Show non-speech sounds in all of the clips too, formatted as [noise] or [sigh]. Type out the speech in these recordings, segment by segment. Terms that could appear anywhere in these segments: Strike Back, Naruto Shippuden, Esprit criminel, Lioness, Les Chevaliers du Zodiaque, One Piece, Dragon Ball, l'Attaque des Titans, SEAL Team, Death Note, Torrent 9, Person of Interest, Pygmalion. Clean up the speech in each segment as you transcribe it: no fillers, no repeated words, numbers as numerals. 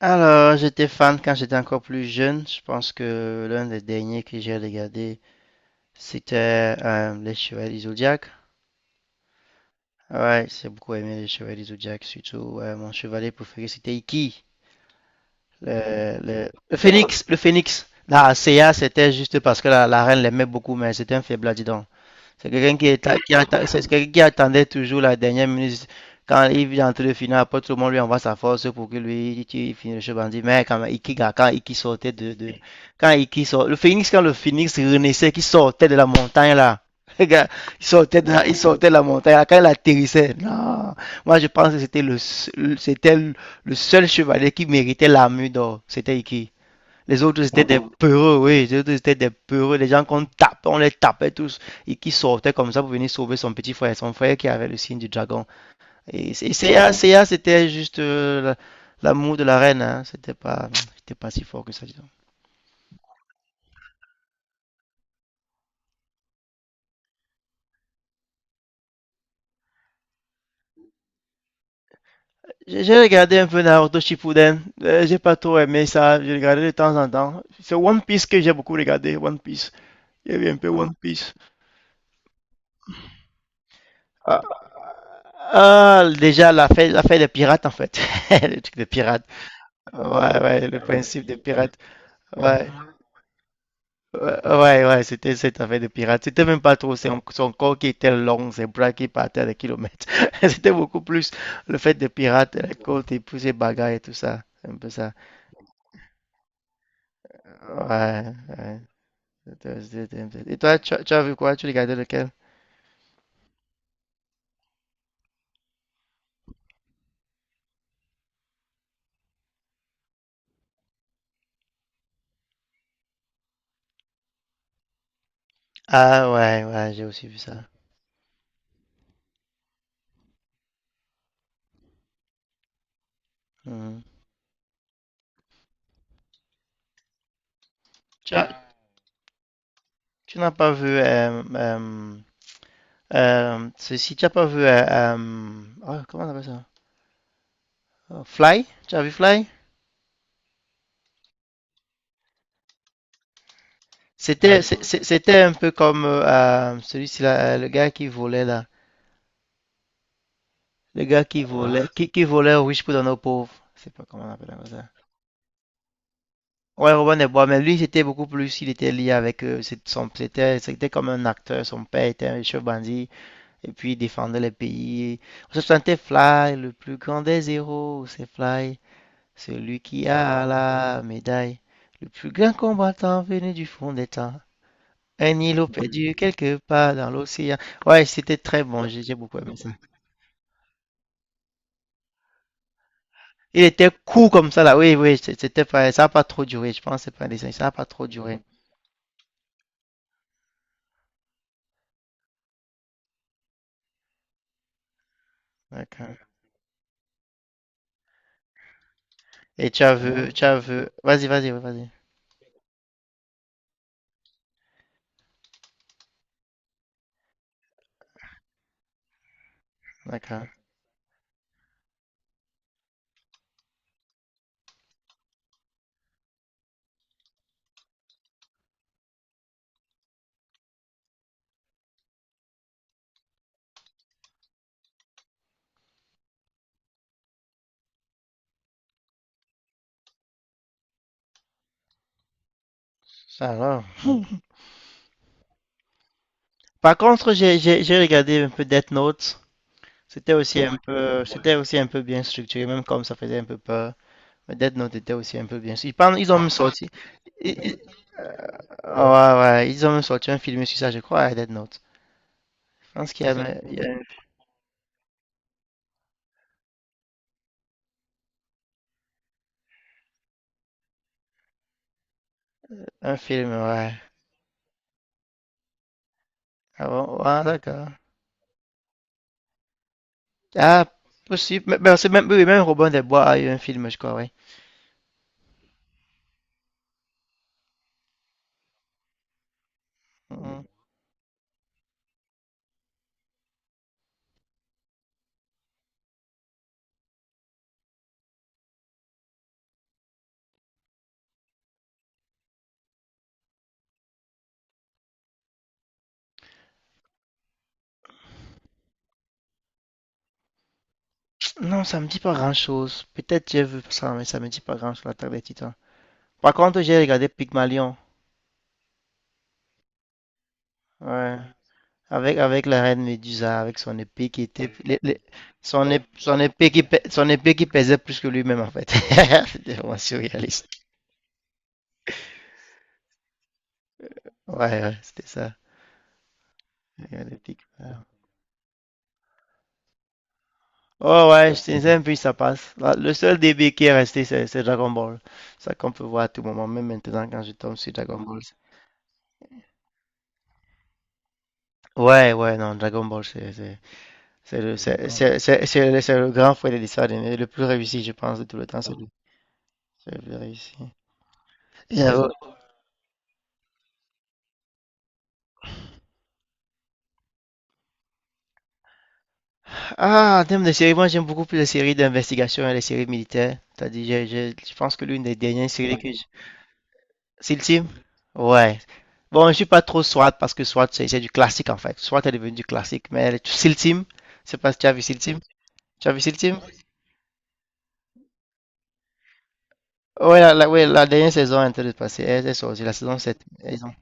Alors, j'étais fan quand j'étais encore plus jeune. Je pense que l'un des derniers que j'ai regardé, c'était Les Chevaliers du Zodiaque. Ouais, j'ai beaucoup aimé Les Chevaliers du Zodiaque, surtout mon chevalier préféré, c'était Iki, le phénix, le phénix La Seiya, c'était juste parce que la reine l'aimait beaucoup, mais c'était un faible, dis donc. C'est qui quelqu'un qui attendait toujours la dernière minute. Quand il vient entrer le final, après tout le monde lui envoie sa force pour que lui, il finisse le jeu bandit. Mais quand Iki sortait quand Iki sort, le Phoenix, quand le Phoenix renaissait, qui sortait de la montagne là. [laughs] Les gars, il sortait de la montagne là, quand il atterrissait. Non. Moi, je pense que c'était c'était le seul chevalier qui méritait l'armure d'or. C'était Iki. Les autres, c'était des peureux, oui. Les autres, c'était des peureux. Les gens qu'on tape, on les tapait tous. Et qui sortaient comme ça pour venir sauver son petit frère. Son frère qui avait le signe du dragon. CA, c'était juste l'amour de la reine, hein. C'était pas si fort que ça, disons. J'ai regardé un peu Naruto Shippuden. J'ai pas trop aimé ça. J'ai regardé de temps en temps. C'est One Piece que j'ai beaucoup regardé. One Piece. Il y avait un peu One Piece. Ah, déjà, la fête des pirates, en fait. [laughs] Le truc des pirates. Ouais, ouais, le Ah ouais. Principe des pirates. Ouais, ouais, ouais, ouais, c'était cette affaire de pirates. C'était même pas trop son corps qui était long, ses bras qui partaient à des kilomètres. [laughs] C'était beaucoup plus le fait des pirates, les côtes et puis ces bagarres et tout ça. Un peu ça. Ouais, ouais. Et toi, tu as vu quoi? Tu regardais lequel? Ah, ouais, ouais, j'ai aussi vu ça. Mhm. Tu as- Tu n'as pas vu ceci, tu n'as pas vu oh, comment on appelle ça? Oh, Fly? Tu as vu Fly? C'était un peu comme celui-ci là, le gars qui volait là. Le gars qui volait, qui volait aux riches pour donner aux pauvres. Je sais pas comment on appelle ça. Ouais, Robin des Bois, mais lui, c'était beaucoup plus, il était lié avec eux. C'était comme un acteur, son père était un chef bandit, et puis il défendait le pays. On se sentait Fly, le plus grand des héros, c'est Fly, celui qui a la médaille. Le plus grand combattant venu du fond des temps. Un îlot perdu quelque part dans l'océan. Ouais, c'était très bon, j'ai beaucoup aimé ça. Il était court comme ça là, oui, oui, c'était pas, ça a pas trop duré, je pense, c'est pas un dessin, ça a pas trop duré. D'accord. Et tu as vu, vas-y, vas-y, oui, vas-y. D'accord. Alors. Par contre, j'ai regardé un peu Death Note. C'était aussi un peu bien structuré, même comme ça faisait un peu peur. Mais Death Note était aussi un peu bien sûr. Ils ont même sorti, ils- ils- ouais, ouais, ils ont même sorti un film sur ça, je crois, à Death Note. Je pense qu'il y a un film, ouais. Ah bon, ouais, d'accord. Ah, possible. Mais c'est même, oui, même Robin des Bois a eu un film, je crois, oui. Hum. Non, ça me dit pas grand-chose. Peut-être j'ai vu ça, mais ça me dit pas grand-chose, l'Attaque des Titans. Par contre, j'ai regardé Pygmalion, ouais. Avec la reine Médusa, avec son épée qui était... les- son, ép- son épée qui, pè- son épée qui pesait plus que lui-même, en fait. [laughs] C'était vraiment surréaliste. Ouais, ouais, c'était ça. Regardez Pygmalion. Oh ouais, je puis ça passe. Le seul DB qui est resté, c'est Dragon Ball. Ça qu'on peut voir à tout moment, même maintenant quand je tombe sur Dragon Ball. Ouais, ouais, non, Dragon Ball, c'est d'accord. C'est le grand frère des dessins animés, le plus réussi, je pense, de tout le temps, c'est lui. C'est le plus réussi. Et, euh, En termes de séries, moi j'aime beaucoup plus les séries d'investigation et les séries militaires. T'as dit, je pense que l'une des dernières séries Silty? Ouais. Bon, je suis pas trop SWAT parce que SWAT, c'est du classique en fait. SWAT est devenu du classique. Mais SEAL Team, je sais pas si tu as vu SEAL Team. Tu as vu SEAL Team? Ouais, ouais, la dernière saison est en train de passer. Elle sort aussi, la saison 7. Ils ont.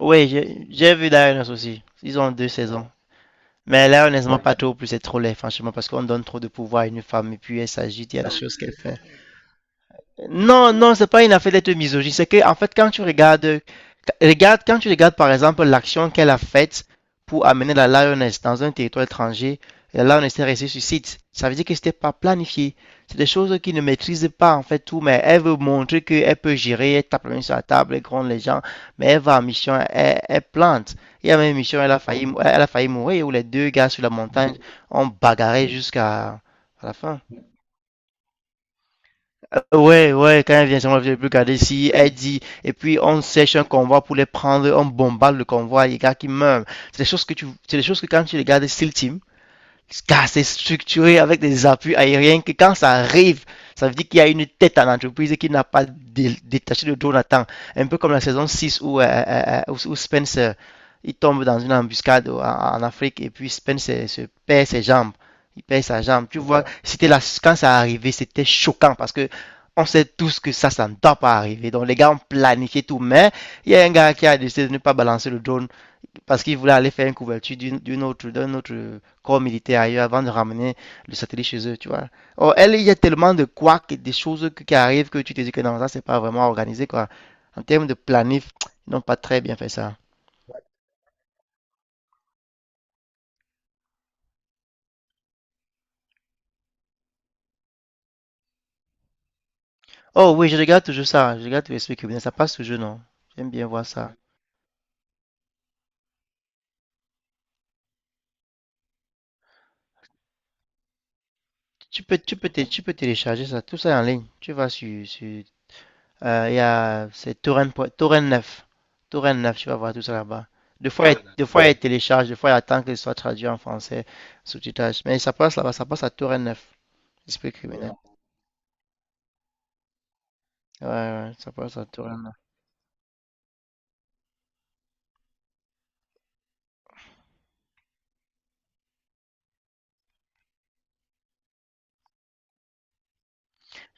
Ouais, j'ai vu Dionysus aussi. Ils ont deux saisons. Mais là, honnêtement, pas trop. Plus c'est trop laid, franchement, parce qu'on donne trop de pouvoir à une femme et puis elle s'agit, il y a des choses qu'elle fait. Non, non, c'est pas une affaire d'être misogyne. C'est que, en fait, quand tu regardes, par exemple, l'action qu'elle a faite pour amener la Lioness dans un territoire étranger, la Lioness est restée sur site. Ça veut dire que c'était pas planifié. C'est des choses qu'ils ne maîtrisent pas, en fait, tout, mais elle veut montrer qu'elle peut gérer, elle tape la main sur la table, elle gronde les gens, mais elle va en mission, elle, elle plante. Il y a même une mission, elle a failli mourir, où les deux gars sur la montagne ont bagarré jusqu'à à la fin. Ouais, ouais, quand elle vient, moi, je peux regarder si elle dit, et puis on sèche un convoi pour les prendre, on bombarde le convoi, les gars qui meurent. C'est des choses que tu, c'est des choses que quand tu regardes Steel Team, assez structuré avec des appuis aériens que quand ça arrive, ça veut dire qu'il y a une tête à l'entreprise qui n'a pas détaché de Jonathan. Un peu comme la saison 6 où Spence il tombe dans une embuscade en Afrique et puis Spence se perd ses jambes. Il perd sa jambe. Tu vois, c'était là, quand ça arrivait, c'était choquant parce que on sait tous que ça ne doit pas arriver. Donc les gars ont planifié tout, mais il y a un gars qui a décidé de ne pas balancer le drone parce qu'il voulait aller faire une couverture d'un autre corps militaire ailleurs avant de ramener le satellite chez eux, tu vois. Or, elle, il y a tellement de couacs et des choses qui arrivent que tu te dis que non, ça, c'est pas vraiment organisé, quoi. En termes de planif, ils n'ont pas très bien fait ça. Oh oui, je regarde toujours ça, je regarde tous les trucs criminels, ça passe toujours, non? J'aime bien voir ça. Tu peux télécharger ça, tout ça en ligne. Tu vas sur il y a, c'est Torrent, Torrent 9. Torrent 9, tu vas voir tout ça là-bas. Des fois, des fois, il télécharge, des fois, il attend que ce soit traduit en français, sous-titrage. Mais ça passe là-bas, ça passe à Torrent 9. Esprit criminel. Ouais, ouais, ça passe à Torrent 9.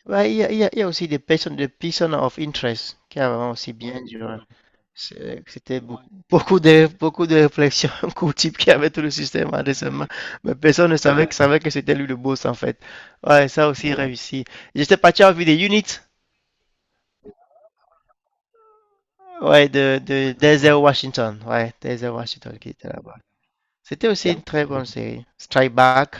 Ouais, il y a aussi des personnes of interest qui a vraiment aussi bien duré. C'était beaucoup, beaucoup de réflexions [laughs] qu'au type qui avait tout le système récemment. Mais personne ne savait, savait que c'était lui le boss en fait. Ouais, ça aussi réussi. J'étais parti en vue des units. Ouais, de Denzel Washington. Ouais, Denzel Washington qui était là-bas. C'était aussi une très bonne série. Strike Back.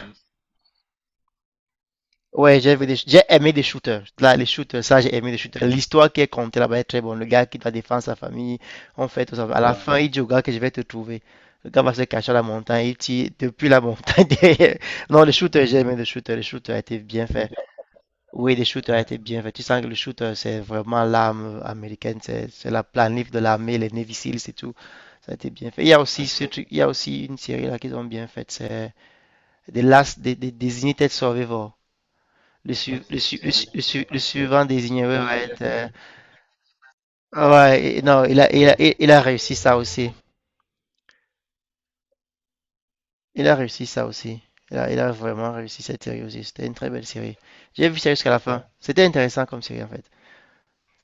Ouais, j'ai aimé des shooters. Là, les shooters, ça, j'ai aimé des shooters. L'histoire qui est contée là-bas est très bonne. Le gars qui doit défendre sa famille, on fait tout ça. À la fin, il dit au gars que je vais te trouver. Le gars va se cacher à la montagne. Il tire depuis la montagne. [laughs] Non, les shooters, j'ai aimé les shooters. Les shooters a été bien fait. Oui, les shooters étaient bien faits. Tu sens que le shooter, c'est vraiment l'arme américaine, c'est la planif de l'armée, les Navy Seals et tout. Ça a été bien fait. Il y a aussi, il y a aussi une série là qu'ils ont bien faite, c'est The Last, des Unitaid Survivor. Le suivant désigné ouais, va être. Ah ouais, non, il a réussi ça aussi. Il a réussi ça aussi. Il a vraiment réussi cette série aussi. C'était une très belle série. J'ai vu ça jusqu'à la fin. C'était intéressant comme série en fait.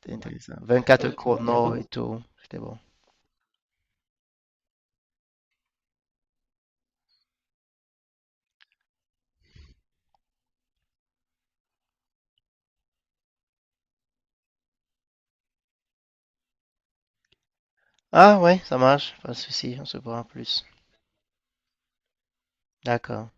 C'était intéressant. 24 chrono et tout. C'était bon. Ah ouais, ça marche, pas de souci, on se voit en plus. D'accord.